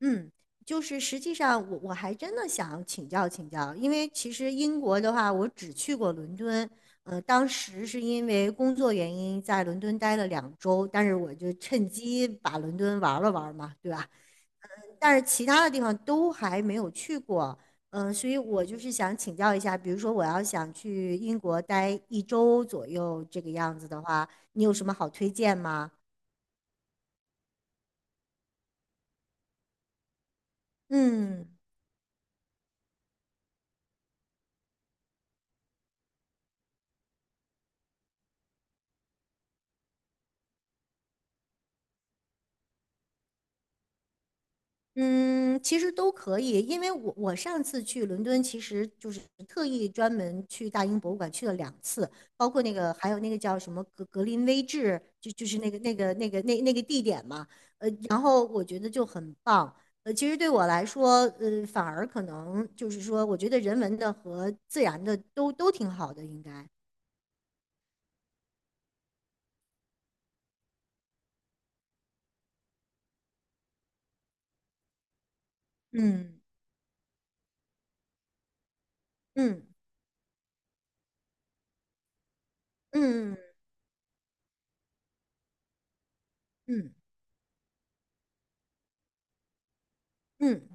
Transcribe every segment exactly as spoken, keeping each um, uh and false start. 嗯，就是实际上我我还真的想请教请教，因为其实英国的话，我只去过伦敦。呃，当时是因为工作原因在伦敦待了两周，但是我就趁机把伦敦玩了玩嘛，对吧？但是其他的地方都还没有去过。嗯、所以我就是想请教一下，比如说我要想去英国待一周左右这个样子的话，你有什么好推荐吗？嗯嗯，其实都可以。因为我我上次去伦敦，其实就是特意专门去大英博物馆去了两次，包括那个还有那个叫什么格格林威治，就就是那个那个那个那那个地点嘛。呃，然后我觉得就很棒。呃，其实对我来说，呃，反而可能就是说，我觉得人文的和自然的都都挺好的，应该。嗯嗯嗯嗯嗯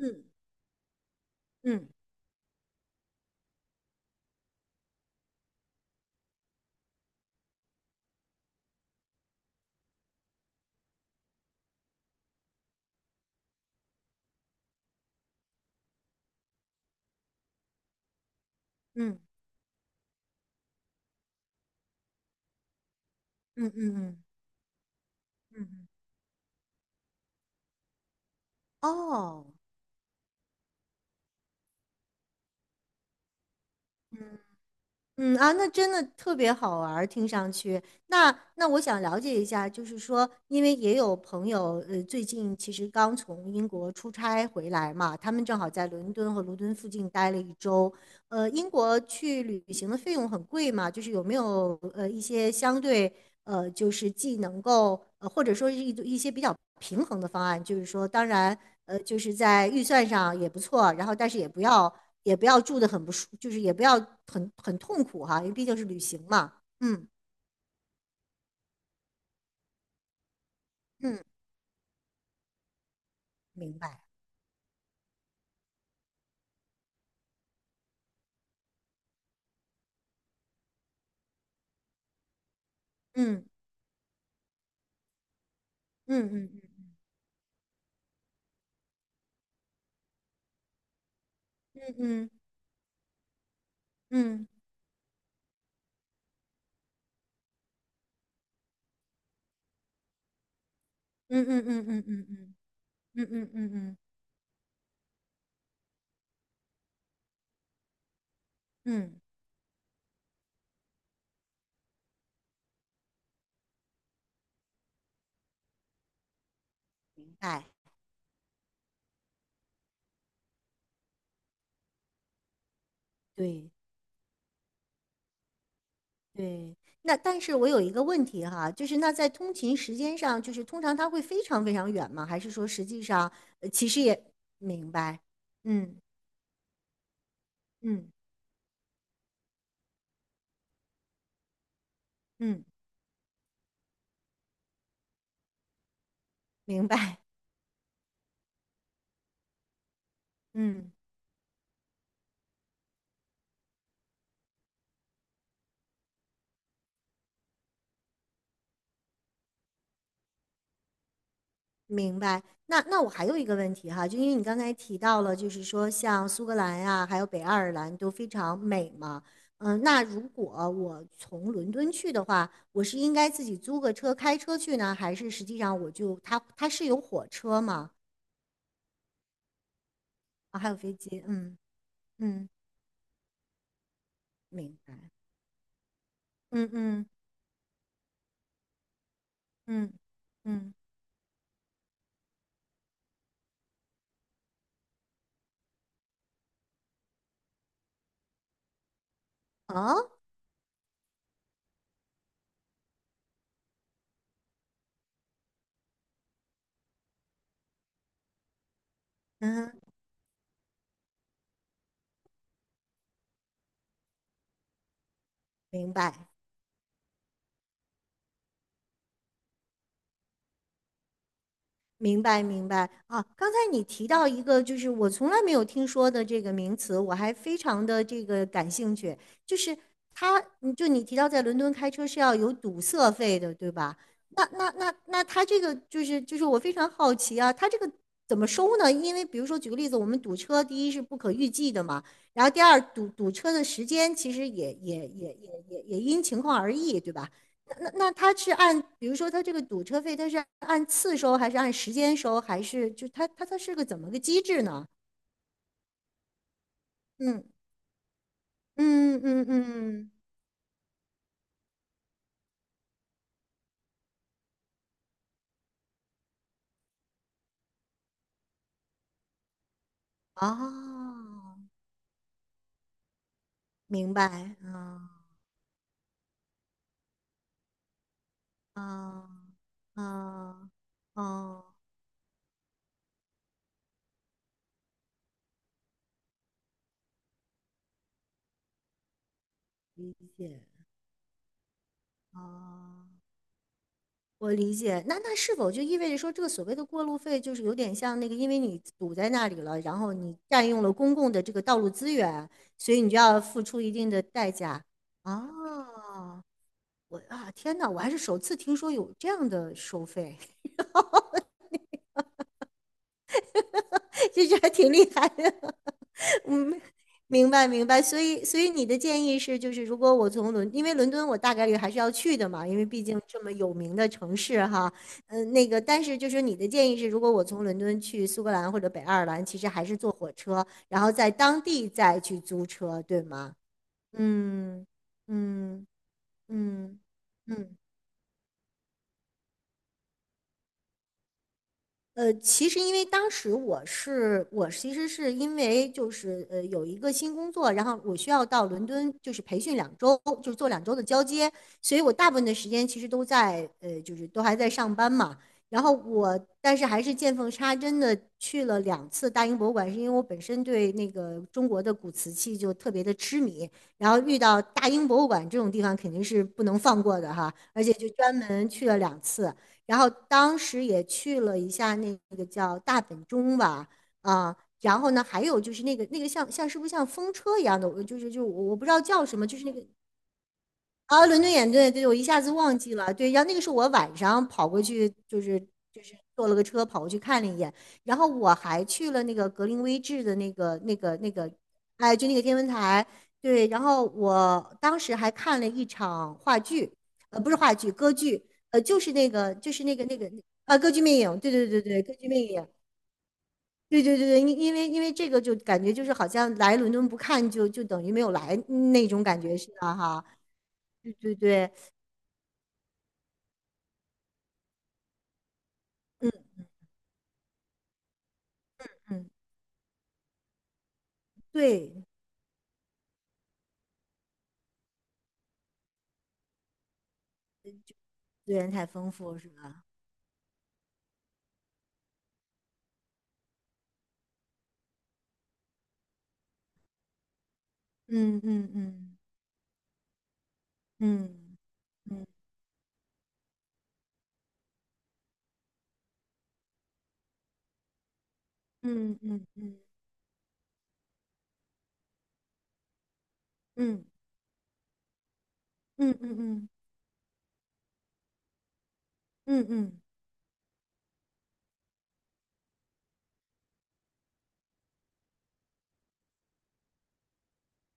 嗯嗯嗯嗯嗯嗯嗯嗯，嗯哦。嗯啊，那真的特别好玩儿，听上去。那那我想了解一下，就是说，因为也有朋友，呃，最近其实刚从英国出差回来嘛，他们正好在伦敦和伦敦附近待了一周。呃，英国去旅行的费用很贵嘛，就是有没有呃一些相对，呃，就是既能够，呃，或者说是一一些比较平衡的方案。就是说，当然，呃，就是在预算上也不错，然后但是也不要也不要住的很不舒，就是也不要很很痛苦哈，因为毕竟是旅行嘛。嗯嗯，明白。嗯嗯嗯嗯嗯嗯嗯嗯嗯嗯嗯嗯嗯嗯嗯嗯嗯，嗯明白。对。对，那但是我有一个问题哈，就是那在通勤时间上，就是通常它会非常非常远吗？还是说实际上，呃，其实也明白。嗯嗯嗯，明白。嗯明白。那那我还有一个问题哈，就因为你刚才提到了，就是说像苏格兰呀、还有北爱尔兰都非常美嘛。嗯、那如果我从伦敦去的话，我是应该自己租个车开车去呢，还是实际上我就它它是有火车吗？啊，还有飞机，嗯。嗯明白。嗯嗯嗯嗯，哦，嗯明白。明白，明白啊！刚才你提到一个，就是我从来没有听说的这个名词，我还非常的这个感兴趣。就是他，你就你提到在伦敦开车是要有堵塞费的，对吧？那那那那他这个就是就是我非常好奇啊，他这个怎么收呢？因为比如说举个例子，我们堵车，第一是不可预计的嘛，然后第二堵堵车的时间其实也也也也也也因情况而异，对吧？那那他是按，比如说他这个堵车费，他是按次收还是按时间收，还是就他他他是个怎么个机制呢？嗯嗯嗯嗯，哦，明白，啊啊啊哦，理解，哦，我理解。那那是否就意味着说，这个所谓的过路费，就是有点像那个，因为你堵在那里了，然后你占用了公共的这个道路资源，所以你就要付出一定的代价。哦，我啊，天哪，我还是首次听说有这样的收费。其实还挺厉害的。明白，明白。所以，所以你的建议是，就是如果我从伦，因为伦敦我大概率还是要去的嘛，因为毕竟这么有名的城市哈。嗯，那个，但是就是你的建议是，如果我从伦敦去苏格兰或者北爱尔兰，其实还是坐火车，然后在当地再去租车，对吗？嗯嗯嗯嗯。呃，其实因为当时我是我其实是因为就是呃有一个新工作，然后我需要到伦敦就是培训两周，就是做两周的交接，所以我大部分的时间其实都在呃就是都还在上班嘛。然后我但是还是见缝插针的去了两次大英博物馆，是因为我本身对那个中国的古瓷器就特别的痴迷。然后遇到大英博物馆这种地方肯定是不能放过的哈，而且就专门去了两次。然后当时也去了一下那个叫大本钟吧。啊、呃然后呢，还有就是那个那个像像是不是像风车一样的，就是就我我不知道叫什么，就是那个，啊，伦敦眼对对，我一下子忘记了。对，然后那个是我晚上跑过去，就是就是坐了个车跑过去看了一眼。然后我还去了那个格林威治的那个那个那个，哎，就那个天文台。对，然后我当时还看了一场话剧，呃，不是话剧，歌剧。呃，就是那个就是那个那个啊，歌剧魅影。对对对对，歌剧魅影。对对对对，因因为因为这个就感觉就是好像来伦敦不看就就等于没有来那种感觉似的哈。对对对。嗯。嗯，对，资源太丰富是吧？嗯嗯嗯嗯嗯嗯嗯嗯嗯嗯嗯嗯嗯嗯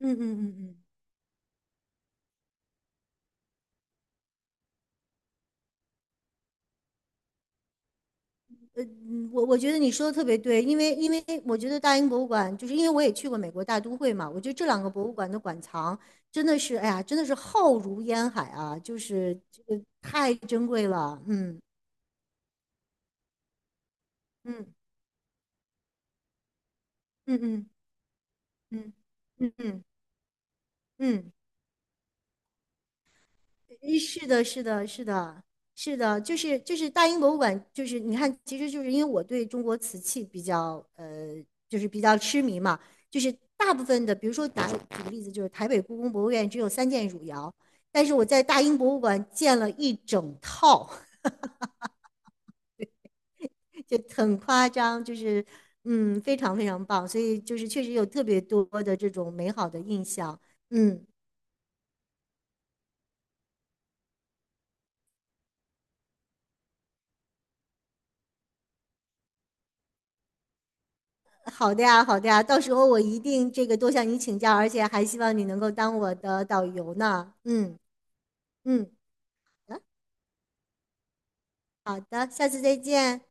嗯嗯嗯，嗯呃，嗯我我觉得你说的特别对，因为因为我觉得大英博物馆，就是因为我也去过美国大都会嘛，我觉得这两个博物馆的馆藏真的是，哎呀，真的是浩如烟海啊，就是这个太珍贵了。嗯嗯嗯嗯嗯嗯嗯嗯。一是的，是的，是的，是的，就是就是大英博物馆，就是你看，其实就是因为我对中国瓷器比较，呃，就是比较痴迷嘛。就是大部分的，比如说打举个例子，就是台北故宫博物院只有三件汝窑，但是我在大英博物馆见了一整套。就很夸张，就是嗯，非常非常棒。所以就是确实有特别多的这种美好的印象。嗯。好的呀，好的呀，到时候我一定这个多向你请教，而且还希望你能够当我的导游呢。嗯嗯，好的，下次再见。